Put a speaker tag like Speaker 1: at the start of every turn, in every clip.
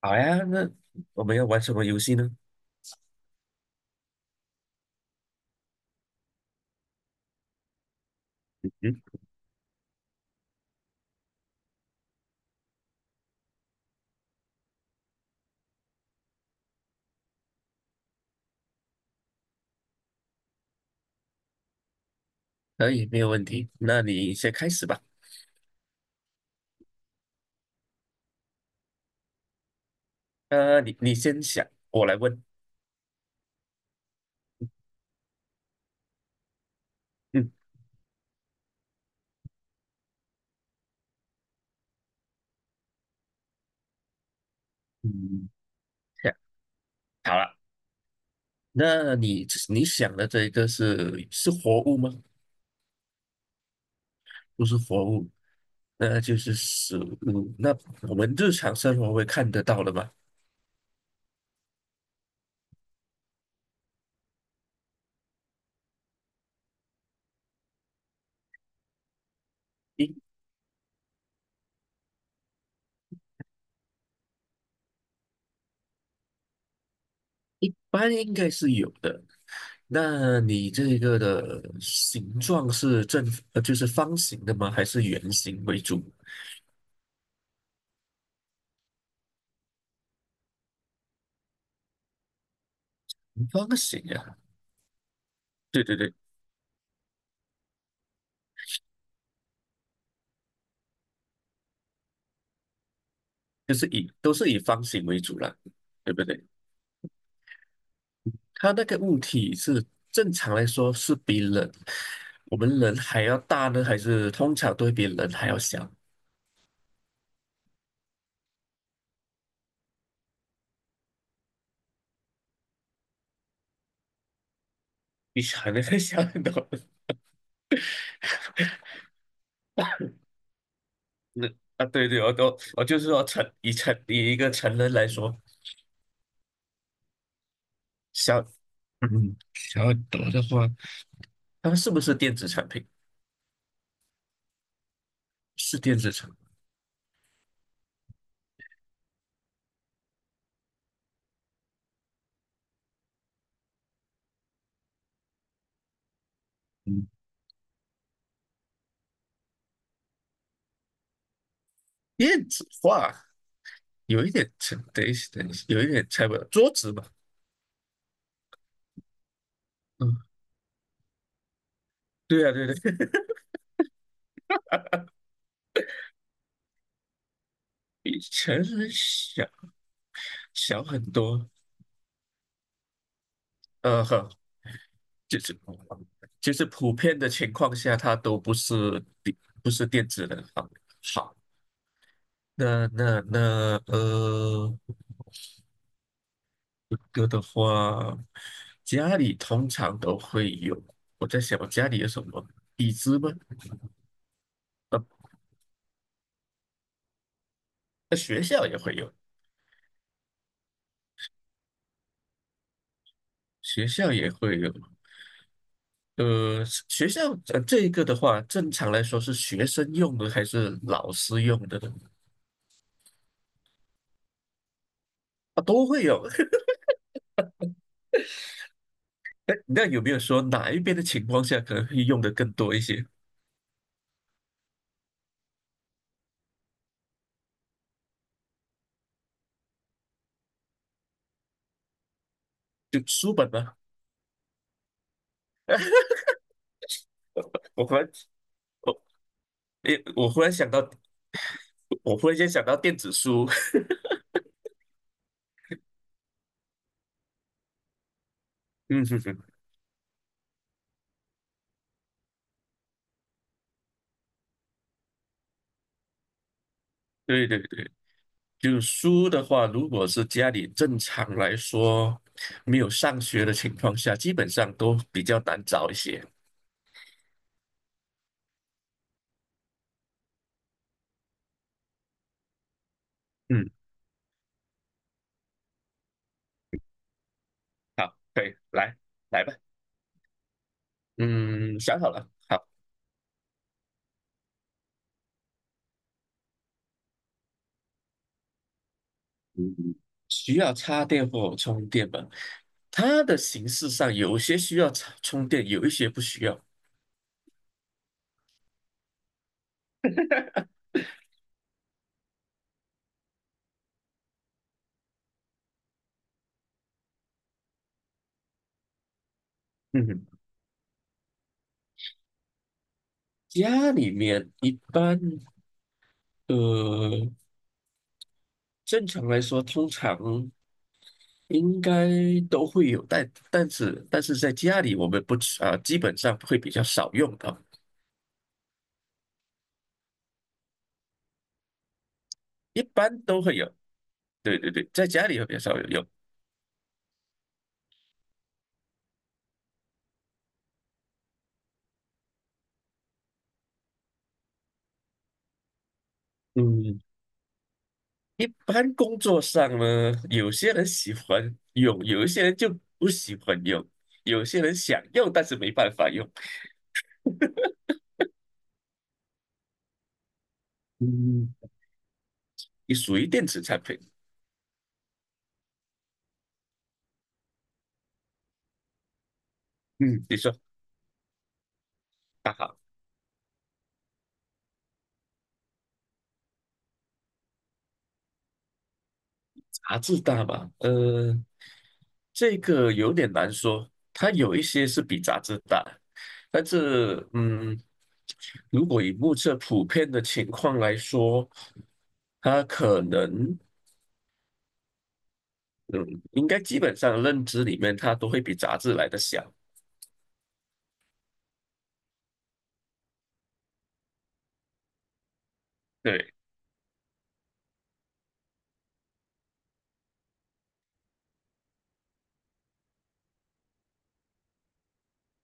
Speaker 1: 好呀，那我们要玩什么游戏呢？嗯，可以，没有问题。那你先开始吧。你先想，我来问。嗯嗯，想好了。那你想的这一个是活物吗？不是活物，那就是食物。那我们日常生活会看得到的吗？一一般应该是有的。那你这个的形状是就是方形的吗？还是圆形为主？方形呀、对对对。就是都是以方形为主了，对不对？它那个物体是正常来说是比人，我们人还要大呢，还是通常都会比人还要小？比成人还小很多。那对对，我就是说成以一个成人来说，小小很多的话，它是不是电子产品？是电子产品。嗯电子化。有一点等一下等一下，有一点猜不到桌子嘛。嗯，对啊，对对，比成人小。小很多，呃，呵就是就是普遍的情况下，它都不是电子的。好，好，那，一个的话，家里通常都会有。我在想，我家里有什么椅子吗？呃，那学校也会有，学校也会有。呃，学校，这一个的话，正常来说是学生用的还是老师用的呢？啊，都会有，那有没有说哪一边的情况下可能会用的更多一些？就书本吗？我忽然，我诶，我忽然想到，我忽然间想到电子书。嗯，对对对，就是书的话，如果是家里正常来说没有上学的情况下，基本上都比较难找一些。嗯，好，可以，来来吧。嗯，想好了，好，需要插电或充电吗？它的形式上有些需要插充电，有一些不需要。嗯哼。家里面一般，呃，正常来说，通常应该都会有，但是在家里我们不吃啊、基本上会比较少用到，一般都会有。对对对，在家里会比较少有用。嗯，一般工作上呢，有些人喜欢用，有一些人就不喜欢用，有些人想用但是没办法用。嗯，你属于电子产品。嗯，你说啊，杂志大吧，这个有点难说，它有一些是比杂志大，但是如果以目测普遍的情况来说，它可能嗯，应该基本上认知里面它都会比杂志来的小，对，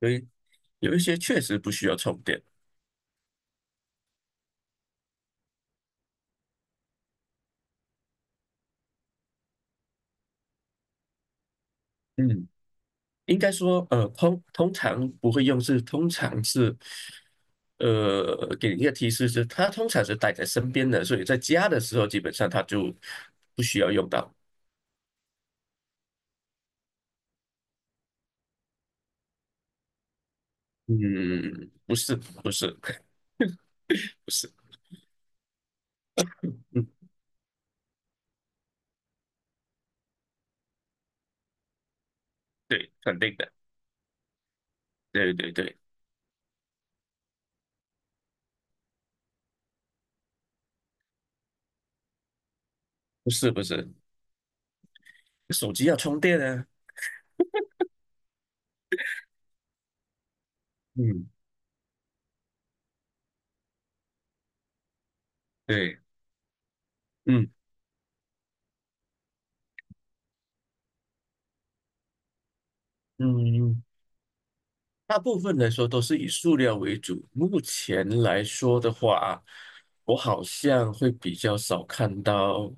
Speaker 1: 所以有一些确实不需要充电，嗯。应该说，通常不会用是，通常是，给你一个提示是，它通常是带在身边的，所以在家的时候，基本上它就不需要用到。嗯，不是，不是，不是，嗯，对，肯定的，对对对，不是不是，手机要充电啊，嗯，对，嗯嗯，大部分来说都是以塑料为主。目前来说的话啊，我好像会比较少看到，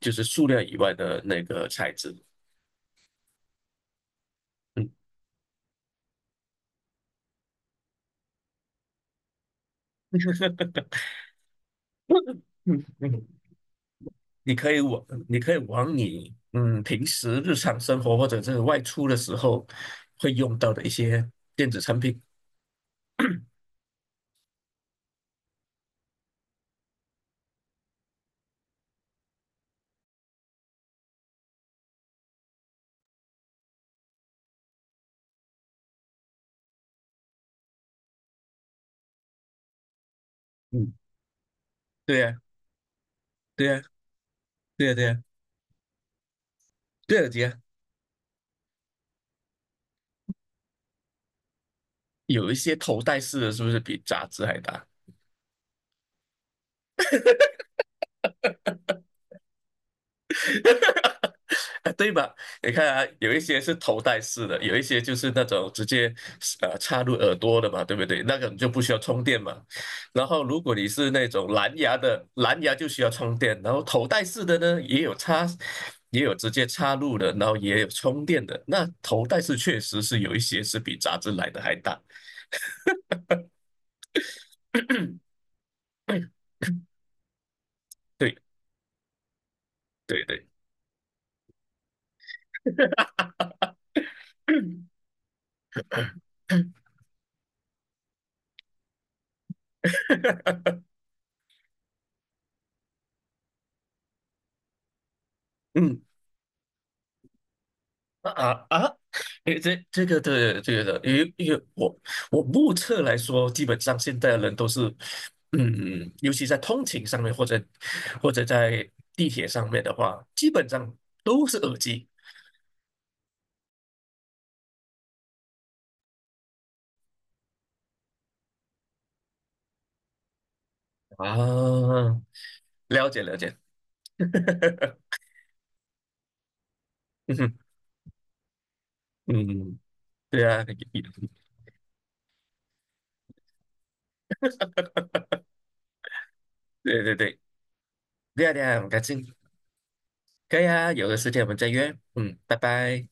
Speaker 1: 就是塑料以外的那个材质。嗯。 嗯嗯，你可以往你平时日常生活或者是外出的时候会用到的一些电子产品。嗯，对呀，对呀，对呀，对呀，对呀，对呀，有一些头戴式的是不是比杂志还大？对吧？你看啊，有一些是头戴式的，有一些就是那种直接插入耳朵的嘛，对不对？那个你就不需要充电嘛。然后如果你是那种蓝牙的，蓝牙就需要充电。然后头戴式的呢，也有插，也有直接插入的，然后也有充电的。那头戴式确实是有一些是比杂志来的还大。对对对，嗯，啊啊！诶，这个对这个的，因为我目测来说，基本上现在的人都是，尤其在通勤上面或者在地铁上面的话，基本上都是耳机啊。了解了解，嗯嗯，对啊，对对对，对啊对啊，很开心，可以啊，有的时间我们再约，嗯，拜拜。